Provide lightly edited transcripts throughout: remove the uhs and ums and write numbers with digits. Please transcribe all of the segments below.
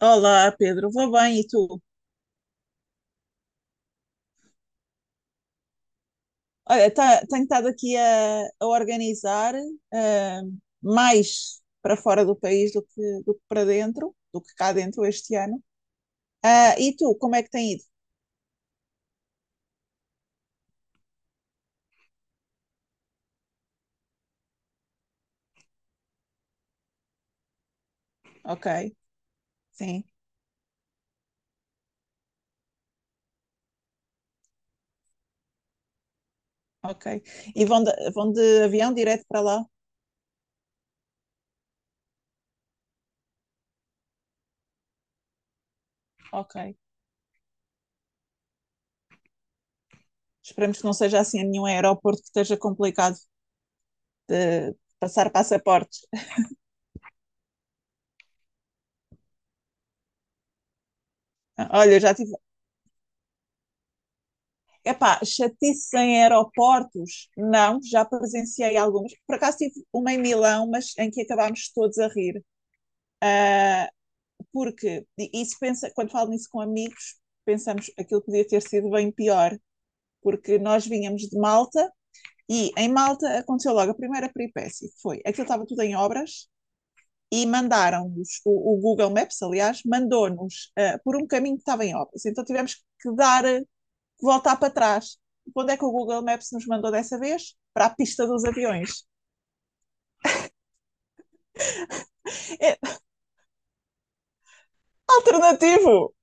Olá, Pedro, vou bem e tu? Olha, tenho estado aqui a organizar, eh, mais para fora do país do que para dentro, do que cá dentro este ano. Ah, e tu, como é que tem ido? Ok, sim, ok. E vão de avião direto para lá? Ok. Esperemos que não seja assim em nenhum aeroporto que esteja complicado de passar passaportes. Olha, eu já tive. Epá, chatice em aeroportos? Não, já presenciei algumas. Por acaso tive uma em Milão, mas em que acabámos todos a rir. Ah, porque isso pensa, quando falo nisso com amigos, pensamos aquilo podia ter sido bem pior, porque nós vínhamos de Malta e em Malta aconteceu logo a primeira peripécia, que foi aquilo estava tudo em obras e mandaram-nos, o Google Maps, aliás, mandou-nos por um caminho que estava em obras. Então tivemos que dar, voltar para trás. Onde é que o Google Maps nos mandou dessa vez? Para a pista dos aviões. É alternativo!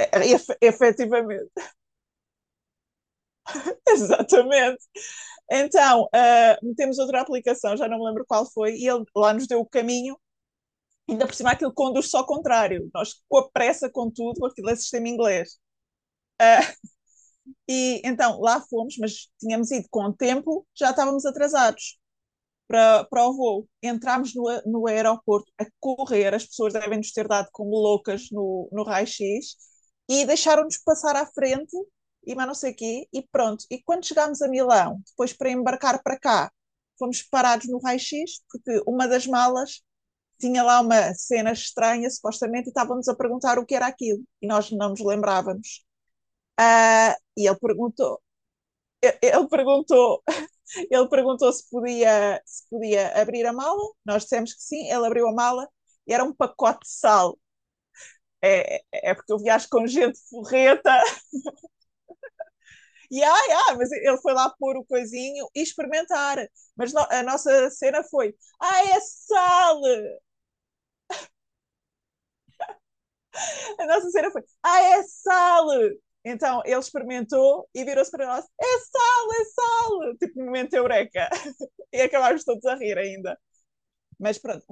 Efetivamente, exatamente. Então, metemos outra aplicação, já não me lembro qual foi, e ele lá nos deu o caminho, ainda por cima aquilo conduz só ao contrário. Nós, com a pressa, com tudo, aquilo é sistema inglês. Uh, e então lá fomos, mas tínhamos ido com o tempo, já estávamos atrasados para o voo. Entramos no aeroporto a correr, as pessoas devem nos ter dado como loucas no raio-x e deixaram-nos passar à frente e mas não sei o quê, e pronto. E quando chegámos a Milão, depois para embarcar para cá, fomos parados no raio-x porque uma das malas tinha lá uma cena estranha, supostamente, e estávamos a perguntar o que era aquilo e nós não nos lembrávamos. E ele perguntou, ele perguntou se podia abrir a mala, nós dissemos que sim, ele abriu a mala e era um pacote de sal. É porque eu viajo com gente forreta. E mas ele foi lá pôr o coisinho e experimentar. Mas no, a nossa cena foi: ah, é sal! A nossa cena foi: ah, é sal! Então ele experimentou e virou-se para nós: é sal, é sal! Tipo, momento eureka. E acabámos todos a rir ainda. Mas pronto,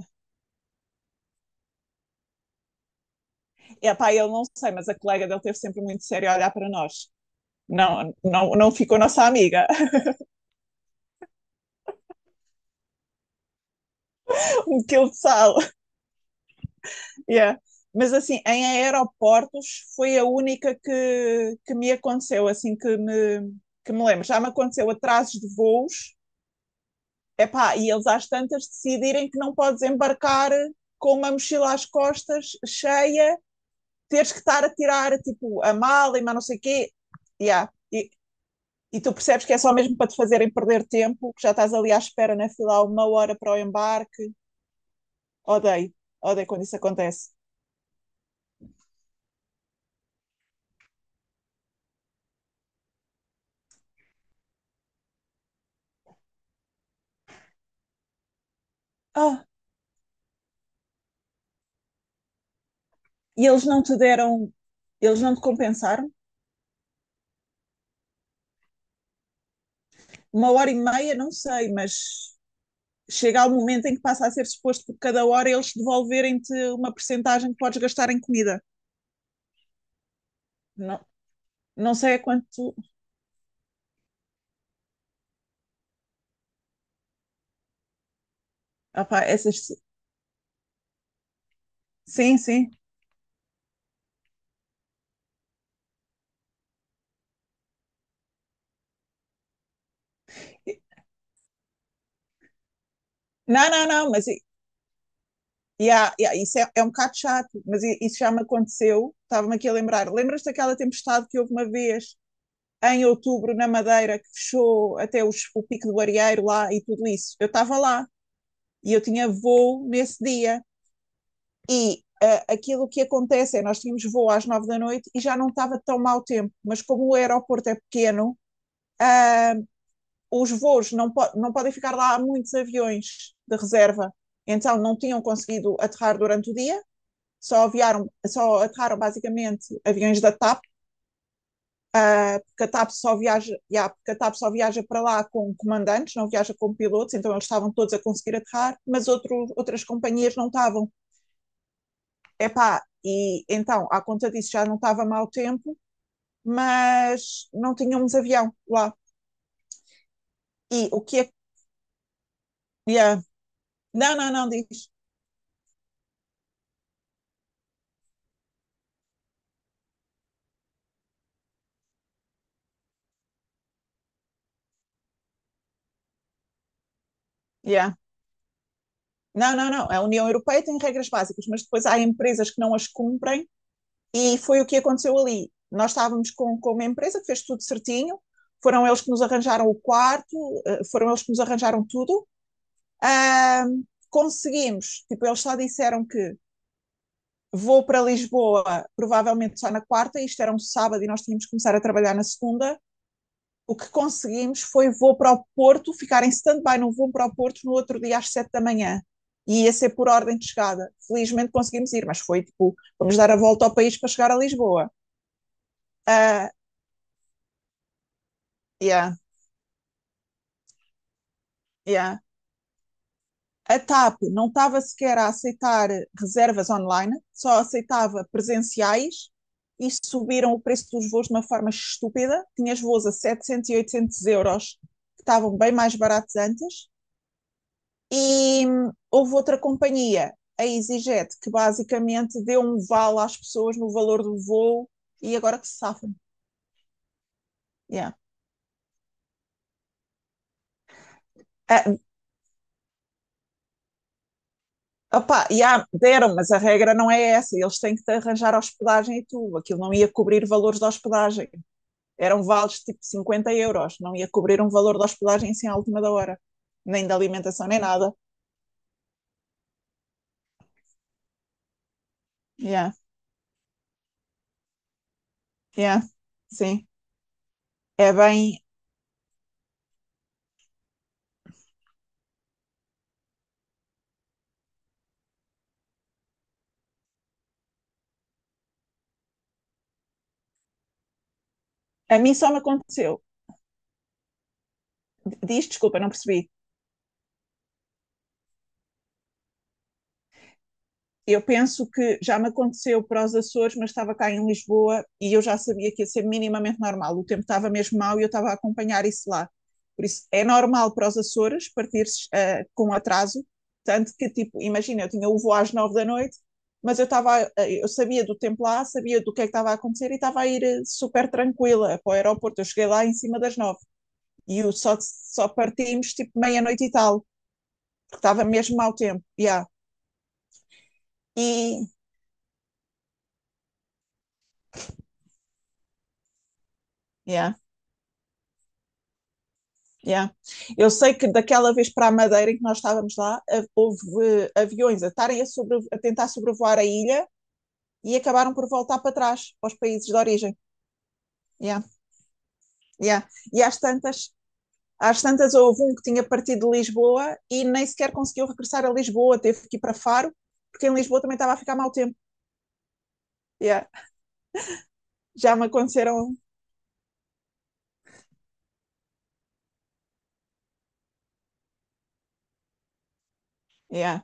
epá, eu não sei, mas a colega dele teve sempre muito sério a olhar para nós. Não, não, não ficou nossa amiga. Um quilo de sal. Yeah. Mas assim, em aeroportos foi a única que me aconteceu, assim que me lembro. Já me aconteceu atrasos de voos, epá, e eles às tantas decidirem que não podes embarcar com uma mochila às costas cheia, teres que estar a tirar tipo a mala e mais não sei o quê. Yeah. E tu percebes que é só mesmo para te fazerem perder tempo, que já estás ali à espera na fila há uma hora para o embarque. Odeio, odeio quando isso acontece. Ah, e eles não te deram, eles não te compensaram? Uma hora e meia, não sei, mas chega ao momento em que passa a ser suposto por cada hora eles devolverem-te uma percentagem que podes gastar em comida. Não, não sei a quanto. Opá, essas. Sim, sim. Não, não, não, mas yeah, yeah, isso é um bocado chato, mas isso já me aconteceu. Estava-me aqui a lembrar. Lembras-te daquela tempestade que houve uma vez em outubro na Madeira que fechou até o Pico do Arieiro lá e tudo isso? Eu estava lá e eu tinha voo nesse dia. E aquilo que acontece é nós tínhamos voo às nove da noite e já não estava tão mau tempo, mas como o aeroporto é pequeno, ah, os voos não, não podem ficar lá há muitos aviões de reserva. Então não tinham conseguido aterrar durante o dia, só aterraram basicamente aviões da TAP, ah, porque a TAP só viaja, yeah, porque a TAP só viaja para lá com comandantes, não viaja com pilotos, então eles estavam todos a conseguir aterrar, mas outras companhias não estavam. Epá, e então, à conta disso, já não estava mau tempo, mas não tínhamos avião lá. E o que é. Yeah. Não, não, não, diz. Yeah. Não, não, não. A União Europeia tem regras básicas, mas depois há empresas que não as cumprem. E foi o que aconteceu ali. Nós estávamos com uma empresa que fez tudo certinho, foram eles que nos arranjaram o quarto, foram eles que nos arranjaram tudo. Uh, conseguimos, tipo, eles só disseram que vou para Lisboa provavelmente só na quarta, isto era um sábado e nós tínhamos que começar a trabalhar na segunda. O que conseguimos foi vou para o Porto, ficar em stand-by não vou para o Porto no outro dia às sete da manhã. E ia ser por ordem de chegada. Felizmente conseguimos ir, mas foi tipo, vamos dar a volta ao país para chegar a Lisboa. Uh, yeah. Yeah. A TAP não estava sequer a aceitar reservas online, só aceitava presenciais e subiram o preço dos voos de uma forma estúpida. Tinhas voos a 700 e 800 euros, que estavam bem mais baratos antes. E houve outra companhia, a EasyJet, que basicamente deu um vale às pessoas no valor do voo e agora que se safam. Yeah. Ah, opá, yeah, deram, mas a regra não é essa. Eles têm que te arranjar hospedagem e tudo. Aquilo não ia cobrir valores de hospedagem. Eram vales tipo 50 euros, não ia cobrir um valor da hospedagem assim à última da hora, nem da alimentação, nem nada. Yeah, yeah, sim. É bem. A mim só me aconteceu. Diz, desculpa, não percebi. Eu penso que já me aconteceu para os Açores, mas estava cá em Lisboa e eu já sabia que ia ser minimamente normal. O tempo estava mesmo mau e eu estava a acompanhar isso lá. Por isso, é normal para os Açores partir com atraso, tanto que, tipo, imagina, eu tinha o voo às nove da noite, mas eu estava, eu sabia do tempo lá, sabia do que é que estava a acontecer e estava a ir super tranquila para o aeroporto. Eu cheguei lá em cima das nove e eu só, partimos, tipo, meia-noite e tal, porque estava mesmo mau tempo, yeah. E, yeah, yeah. Eu sei que daquela vez para a Madeira em que nós estávamos lá, houve aviões a tentar sobrevoar a ilha e acabaram por voltar para trás, para os países de origem. Yeah, yeah. E às tantas, às tantas houve um que tinha partido de Lisboa e nem sequer conseguiu regressar a Lisboa, teve que ir para Faro, porque em Lisboa também estava a ficar mau tempo. Yeah. Já me aconteceram. Yeah,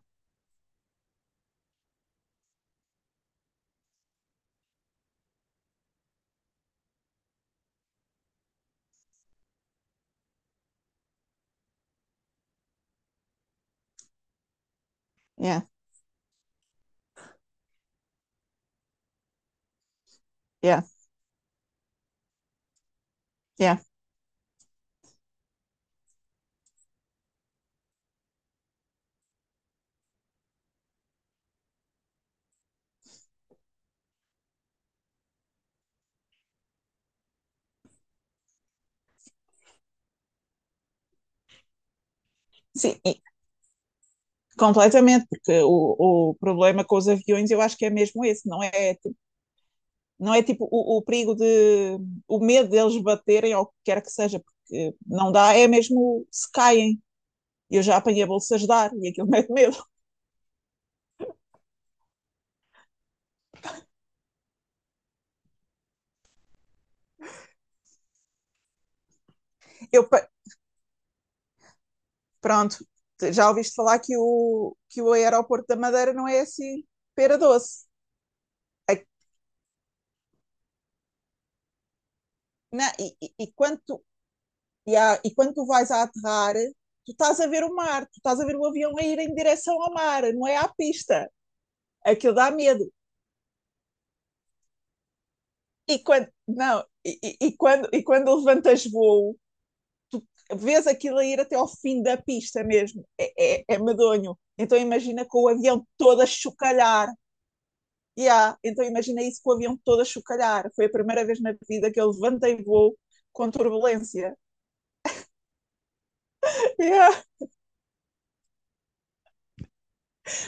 yeah, yeah, yeah. Sim, completamente, porque o problema com os aviões eu acho que é mesmo esse, não é tipo o perigo de, o medo deles baterem ou o que quer que seja, porque não dá, é mesmo se caem. Eu já apanhei bolsas de ar e aquilo mete medo. Eu, pronto, já ouviste falar que o aeroporto da Madeira não é assim pera doce. A- quando tu, e, há- e quando tu vais a aterrar, tu estás a ver o mar, tu estás a ver o avião a ir em direção ao mar, não é à pista. Aquilo dá medo. E quando, não, quando levantas voo, vês aquilo a ir até ao fim da pista mesmo. É medonho. Então imagina com o avião todo a chocalhar. Yeah, então imagina isso com o avião todo a chocalhar. Foi a primeira vez na vida que eu levantei voo com turbulência. Yeah.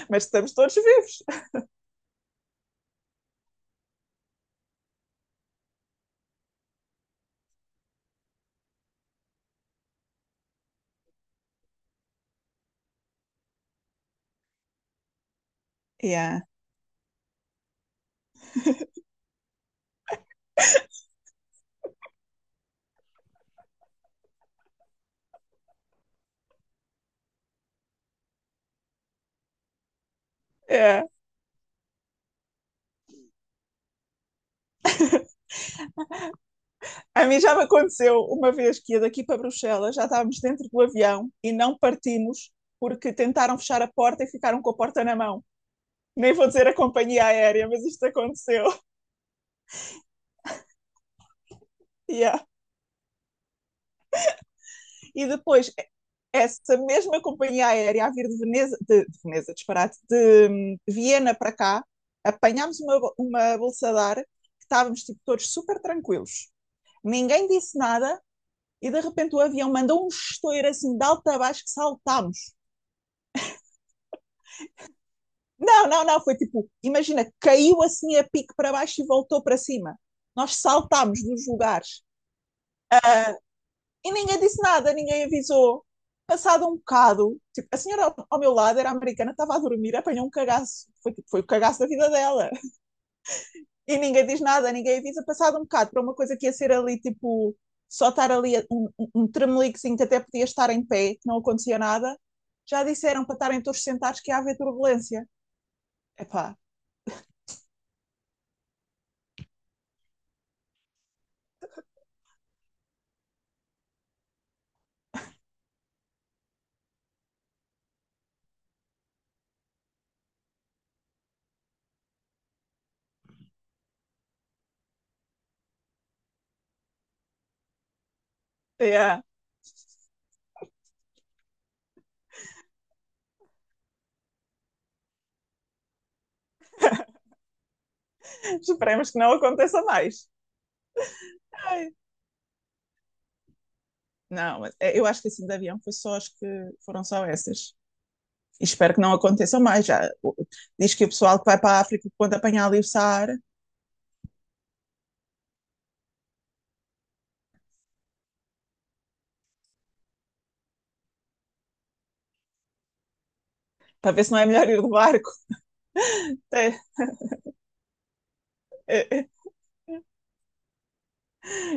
Mas estamos todos vivos. Yeah. Yeah. A mim já me aconteceu uma vez que ia daqui para Bruxelas, já estávamos dentro do avião e não partimos porque tentaram fechar a porta e ficaram com a porta na mão. Nem vou dizer a companhia aérea, mas isto aconteceu. Yeah. E depois, é, essa mesma companhia aérea a vir de Veneza, de Veneza, disparate, de Viena para cá, apanhámos uma bolsa de ar, que estávamos tipo, todos super tranquilos. Ninguém disse nada e de repente o avião mandou um estouro assim de alto a baixo que saltámos. Não, não, não, foi tipo, imagina, caiu assim a pique para baixo e voltou para cima. Nós saltámos dos lugares. E ninguém disse nada, ninguém avisou. Passado um bocado, tipo, a senhora ao meu lado era americana, estava a dormir, apanhou um cagaço. Foi, tipo, foi o cagaço da vida dela. E ninguém diz nada, ninguém avisa. Passado um bocado, para uma coisa que ia ser ali, tipo, só estar ali um tremeliquezinho que até podia estar em pé, que não acontecia nada, já disseram para estarem todos sentados que ia haver turbulência. Epá, yeah. Esperemos que não aconteça mais. Ai, não, mas é, eu acho que assim de avião foi só, acho que foram só essas. Espero que não aconteça mais. Já, diz que o pessoal que vai para a África quando apanhar ali o Saara, para ver se não é melhor ir do barco. Até, é,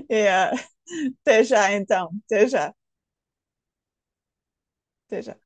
é, é, até já, então. Até já. Até já.